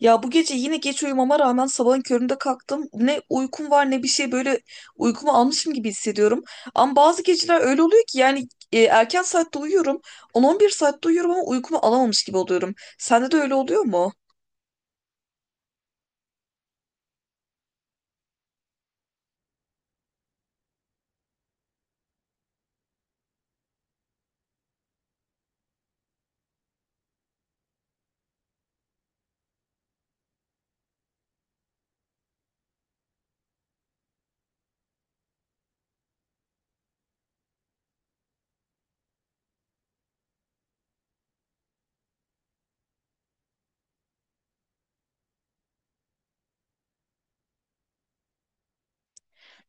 Ya bu gece yine geç uyumama rağmen sabahın köründe kalktım. Ne uykum var ne bir şey böyle uykumu almışım gibi hissediyorum. Ama bazı geceler öyle oluyor ki yani erken saatte uyuyorum. 10-11 saatte uyuyorum ama uykumu alamamış gibi oluyorum. Sende de öyle oluyor mu?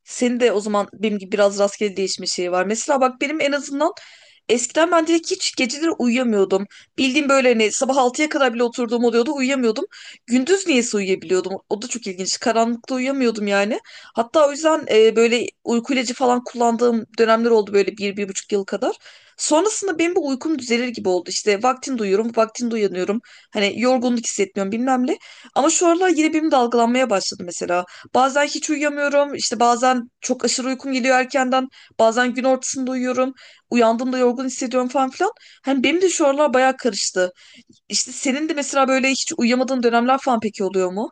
Senin de o zaman benim gibi biraz rastgele değişmiş şey var. Mesela bak benim en azından eskiden ben direkt hiç geceleri uyuyamıyordum. Bildiğim böyle hani sabah 6'ya kadar bile oturduğum oluyordu, uyuyamıyordum. Gündüz niyeyse uyuyabiliyordum. O da çok ilginç. Karanlıkta uyuyamıyordum yani. Hatta o yüzden böyle uyku ilacı falan kullandığım dönemler oldu, böyle bir, bir buçuk yıl kadar. Sonrasında benim bu uykum düzelir gibi oldu. İşte vaktinde uyuyorum, vaktinde uyanıyorum. Hani yorgunluk hissetmiyorum bilmem ne. Ama şu aralar yine benim dalgalanmaya başladı mesela. Bazen hiç uyuyamıyorum. İşte bazen çok aşırı uykum geliyor erkenden. Bazen gün ortasında uyuyorum. Uyandığımda yorgun hissediyorum falan filan. Hani benim de şu aralar bayağı karıştı. İşte senin de mesela böyle hiç uyuyamadığın dönemler falan peki oluyor mu?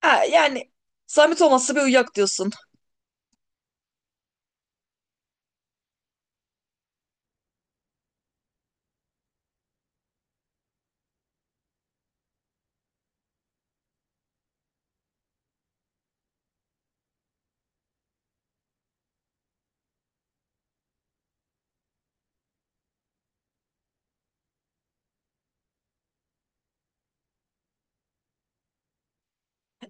Ha, yani zahmet olmazsa bir uyak diyorsun.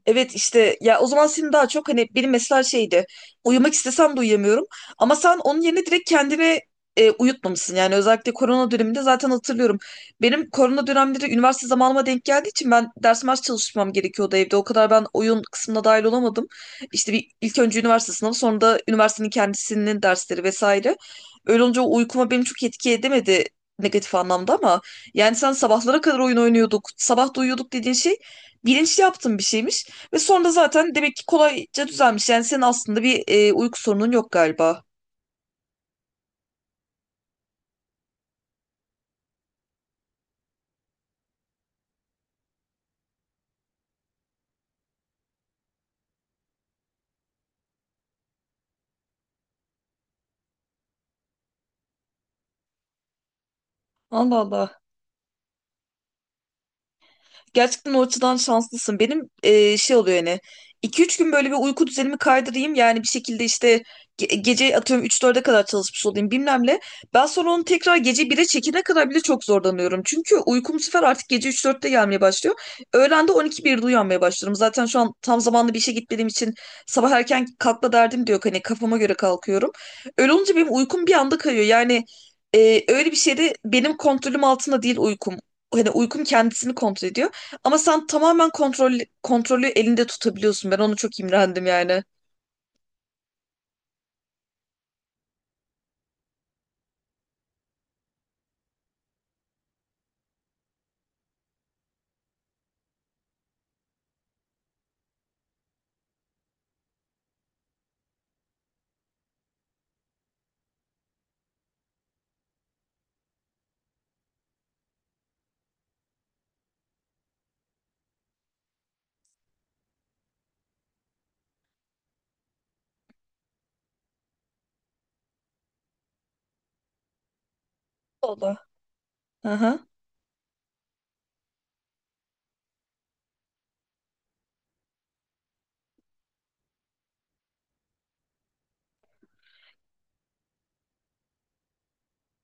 Evet işte ya o zaman senin daha çok hani benim mesela şeydi, uyumak istesem de uyuyamıyorum ama sen onun yerine direkt kendini uyutmamışsın yani, özellikle korona döneminde zaten hatırlıyorum. Benim korona dönemleri üniversite zamanıma denk geldiği için ben ders mers çalışmam gerekiyordu evde, o kadar ben oyun kısmına dahil olamadım. İşte bir ilk önce üniversite sınavı, sonra da üniversitenin kendisinin dersleri vesaire. Öyle olunca o uykuma benim çok etki edemedi negatif anlamda, ama yani sen sabahlara kadar oyun oynuyorduk, sabah da uyuyorduk dediğin şey bilinçli yaptığın bir şeymiş. Ve sonra da zaten demek ki kolayca düzelmiş. Yani senin aslında bir uyku sorunun yok galiba. Allah Allah. Gerçekten o açıdan şanslısın. Benim şey oluyor yani, 2-3 gün böyle bir uyku düzenimi kaydırayım. Yani bir şekilde işte gece atıyorum 3-4'e kadar çalışmış olayım bilmem ne. Ben sonra onu tekrar gece 1'e çekene kadar bile çok zorlanıyorum. Çünkü uykum bu sefer artık gece üç 4'te gelmeye başlıyor. Öğlen de 12 1'de uyanmaya başlıyorum. Zaten şu an tam zamanlı bir işe gitmediğim için sabah erken kalkma derdim de yok. Hani kafama göre kalkıyorum. Öyle olunca benim uykum bir anda kayıyor. Yani öyle bir şeyde benim kontrolüm altında değil uykum. Hani uykum kendisini kontrol ediyor. Ama sen tamamen kontrolü elinde tutabiliyorsun. Ben onu çok imrendim yani. Oldu. Hı hı.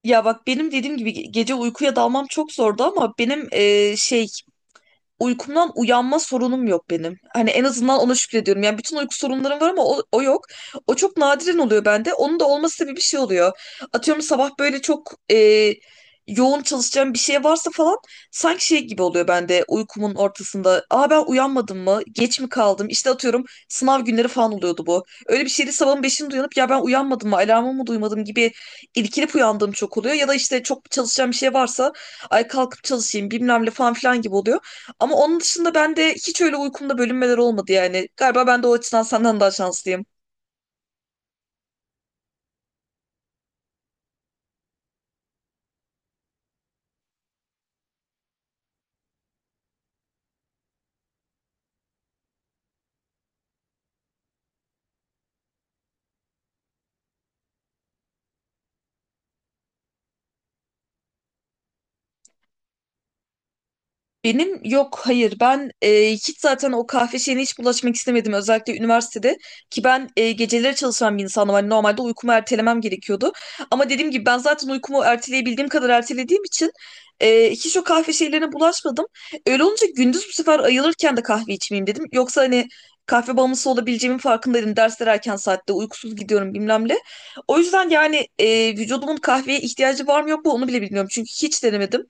Ya bak benim dediğim gibi gece uykuya dalmam çok zordu, ama benim şey, uykumdan uyanma sorunum yok benim. Hani en azından ona şükrediyorum. Yani bütün uyku sorunlarım var ama o yok. O çok nadiren oluyor bende. Onun da olması gibi bir şey oluyor. Atıyorum sabah böyle çok yoğun çalışacağım bir şey varsa falan, sanki şey gibi oluyor bende uykumun ortasında. Aa, ben uyanmadım mı? Geç mi kaldım? İşte atıyorum, sınav günleri falan oluyordu bu. Öyle bir şeydi, sabahın 5'inde uyanıp ya ben uyanmadım mı, alarmımı mı duymadım gibi irkilip uyandığım çok oluyor. Ya da işte çok çalışacağım bir şey varsa, ay kalkıp çalışayım bilmem ne falan filan gibi oluyor. Ama onun dışında ben de hiç öyle uykumda bölünmeler olmadı yani. Galiba ben de o açıdan senden daha şanslıyım. Benim yok, hayır, ben hiç zaten o kahve şeyine hiç bulaşmak istemedim, özellikle üniversitede ki ben geceleri çalışan bir insanım, hani normalde uykumu ertelemem gerekiyordu ama dediğim gibi ben zaten uykumu erteleyebildiğim kadar ertelediğim için hiç o kahve şeylerine bulaşmadım. Öyle olunca gündüz bu sefer ayılırken de kahve içmeyeyim dedim, yoksa hani kahve bağımlısı olabileceğimin farkındaydım, dersler erken saatte uykusuz gidiyorum bilmem ne. O yüzden yani vücudumun kahveye ihtiyacı var mı yok mu onu bile bilmiyorum, çünkü hiç denemedim.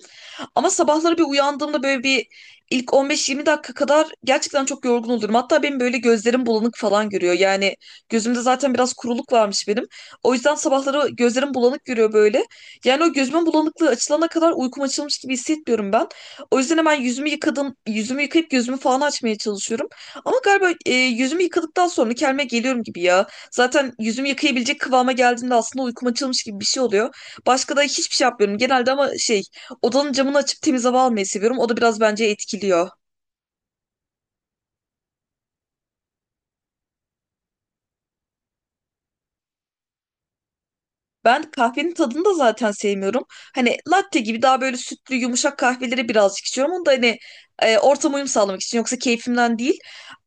Ama sabahları bir uyandığımda böyle bir ilk 15-20 dakika kadar gerçekten çok yorgun olurum. Hatta benim böyle gözlerim bulanık falan görüyor. Yani gözümde zaten biraz kuruluk varmış benim. O yüzden sabahları gözlerim bulanık görüyor böyle. Yani o gözümün bulanıklığı açılana kadar uykum açılmış gibi hissetmiyorum ben. O yüzden hemen yüzümü yıkadım, yüzümü yıkayıp gözümü falan açmaya çalışıyorum. Ama galiba yüzümü yıkadıktan sonra kendime geliyorum gibi ya. Zaten yüzümü yıkayabilecek kıvama geldiğimde aslında uykum açılmış gibi bir şey oluyor. Başka da hiçbir şey yapmıyorum. Genelde ama şey, odanın camını açıp temiz hava almayı seviyorum. O da biraz bence etkiliyor. Ben kahvenin tadını da zaten sevmiyorum. Hani latte gibi daha böyle sütlü yumuşak kahveleri birazcık içiyorum. Onu da hani ortama uyum sağlamak için, yoksa keyfimden değil.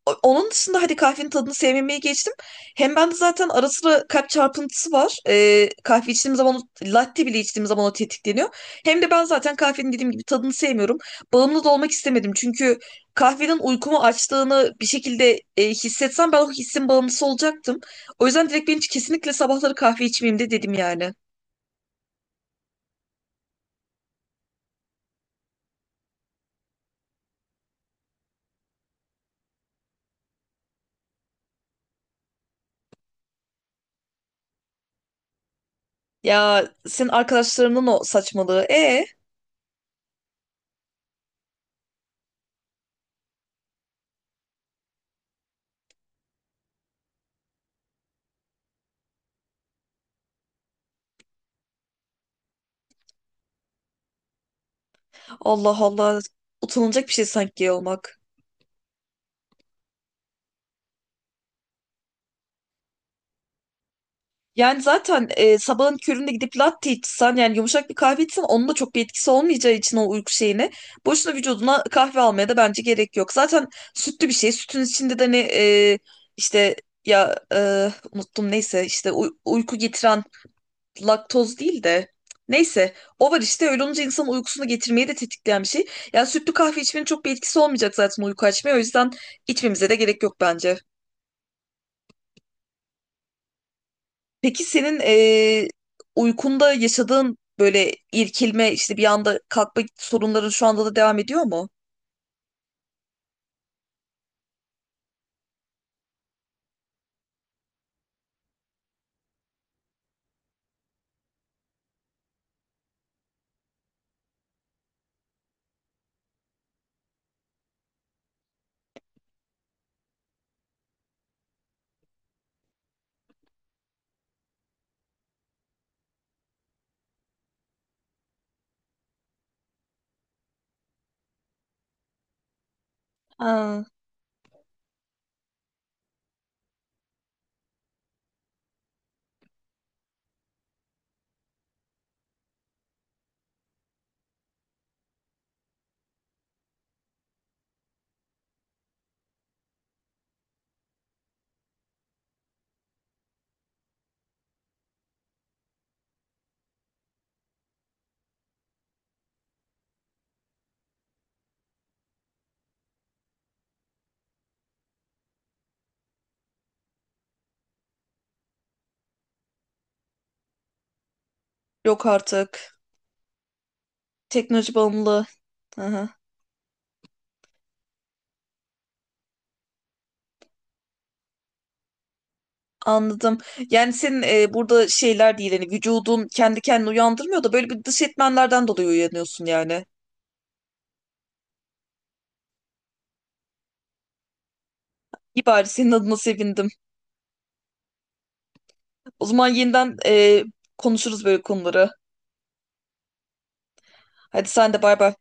Onun dışında hadi kahvenin tadını sevmemeyi geçtim. Hem bende zaten ara sıra kalp çarpıntısı var. Kahve içtiğim zaman latte bile içtiğim zaman o tetikleniyor. Hem de ben zaten kahvenin dediğim gibi tadını sevmiyorum. Bağımlı da olmak istemedim. Çünkü kahvenin uykumu açtığını bir şekilde hissetsem ben o hissin bağımlısı olacaktım. O yüzden direkt ben hiç kesinlikle sabahları kahve içmeyeyim de dedim yani. Ya senin arkadaşlarının o saçmalığı. Allah Allah, utanılacak bir şey sanki gay olmak. Yani zaten sabahın köründe gidip latte içsen, yani yumuşak bir kahve içsen onun da çok bir etkisi olmayacağı için, o uyku şeyine boşuna vücuduna kahve almaya da bence gerek yok. Zaten sütlü bir şey. Sütün içinde de ne işte ya unuttum, neyse, işte uyku getiren laktoz değil de, neyse, o var işte, öyle olunca insanın uykusunu getirmeyi de tetikleyen bir şey. Yani sütlü kahve içmenin çok bir etkisi olmayacak zaten uyku açmaya, o yüzden içmemize de gerek yok bence. Peki senin uykunda yaşadığın böyle irkilme, işte bir anda kalkma sorunların şu anda da devam ediyor mu? Ha, yok artık. Teknoloji bağımlı. Aha, anladım. Yani senin burada şeyler değil hani, vücudun kendi kendini uyandırmıyor da böyle bir dış etmenlerden dolayı uyanıyorsun yani. İyi, bari senin adına sevindim. O zaman yeniden konuşuruz böyle konuları. Hadi sen de bay bay.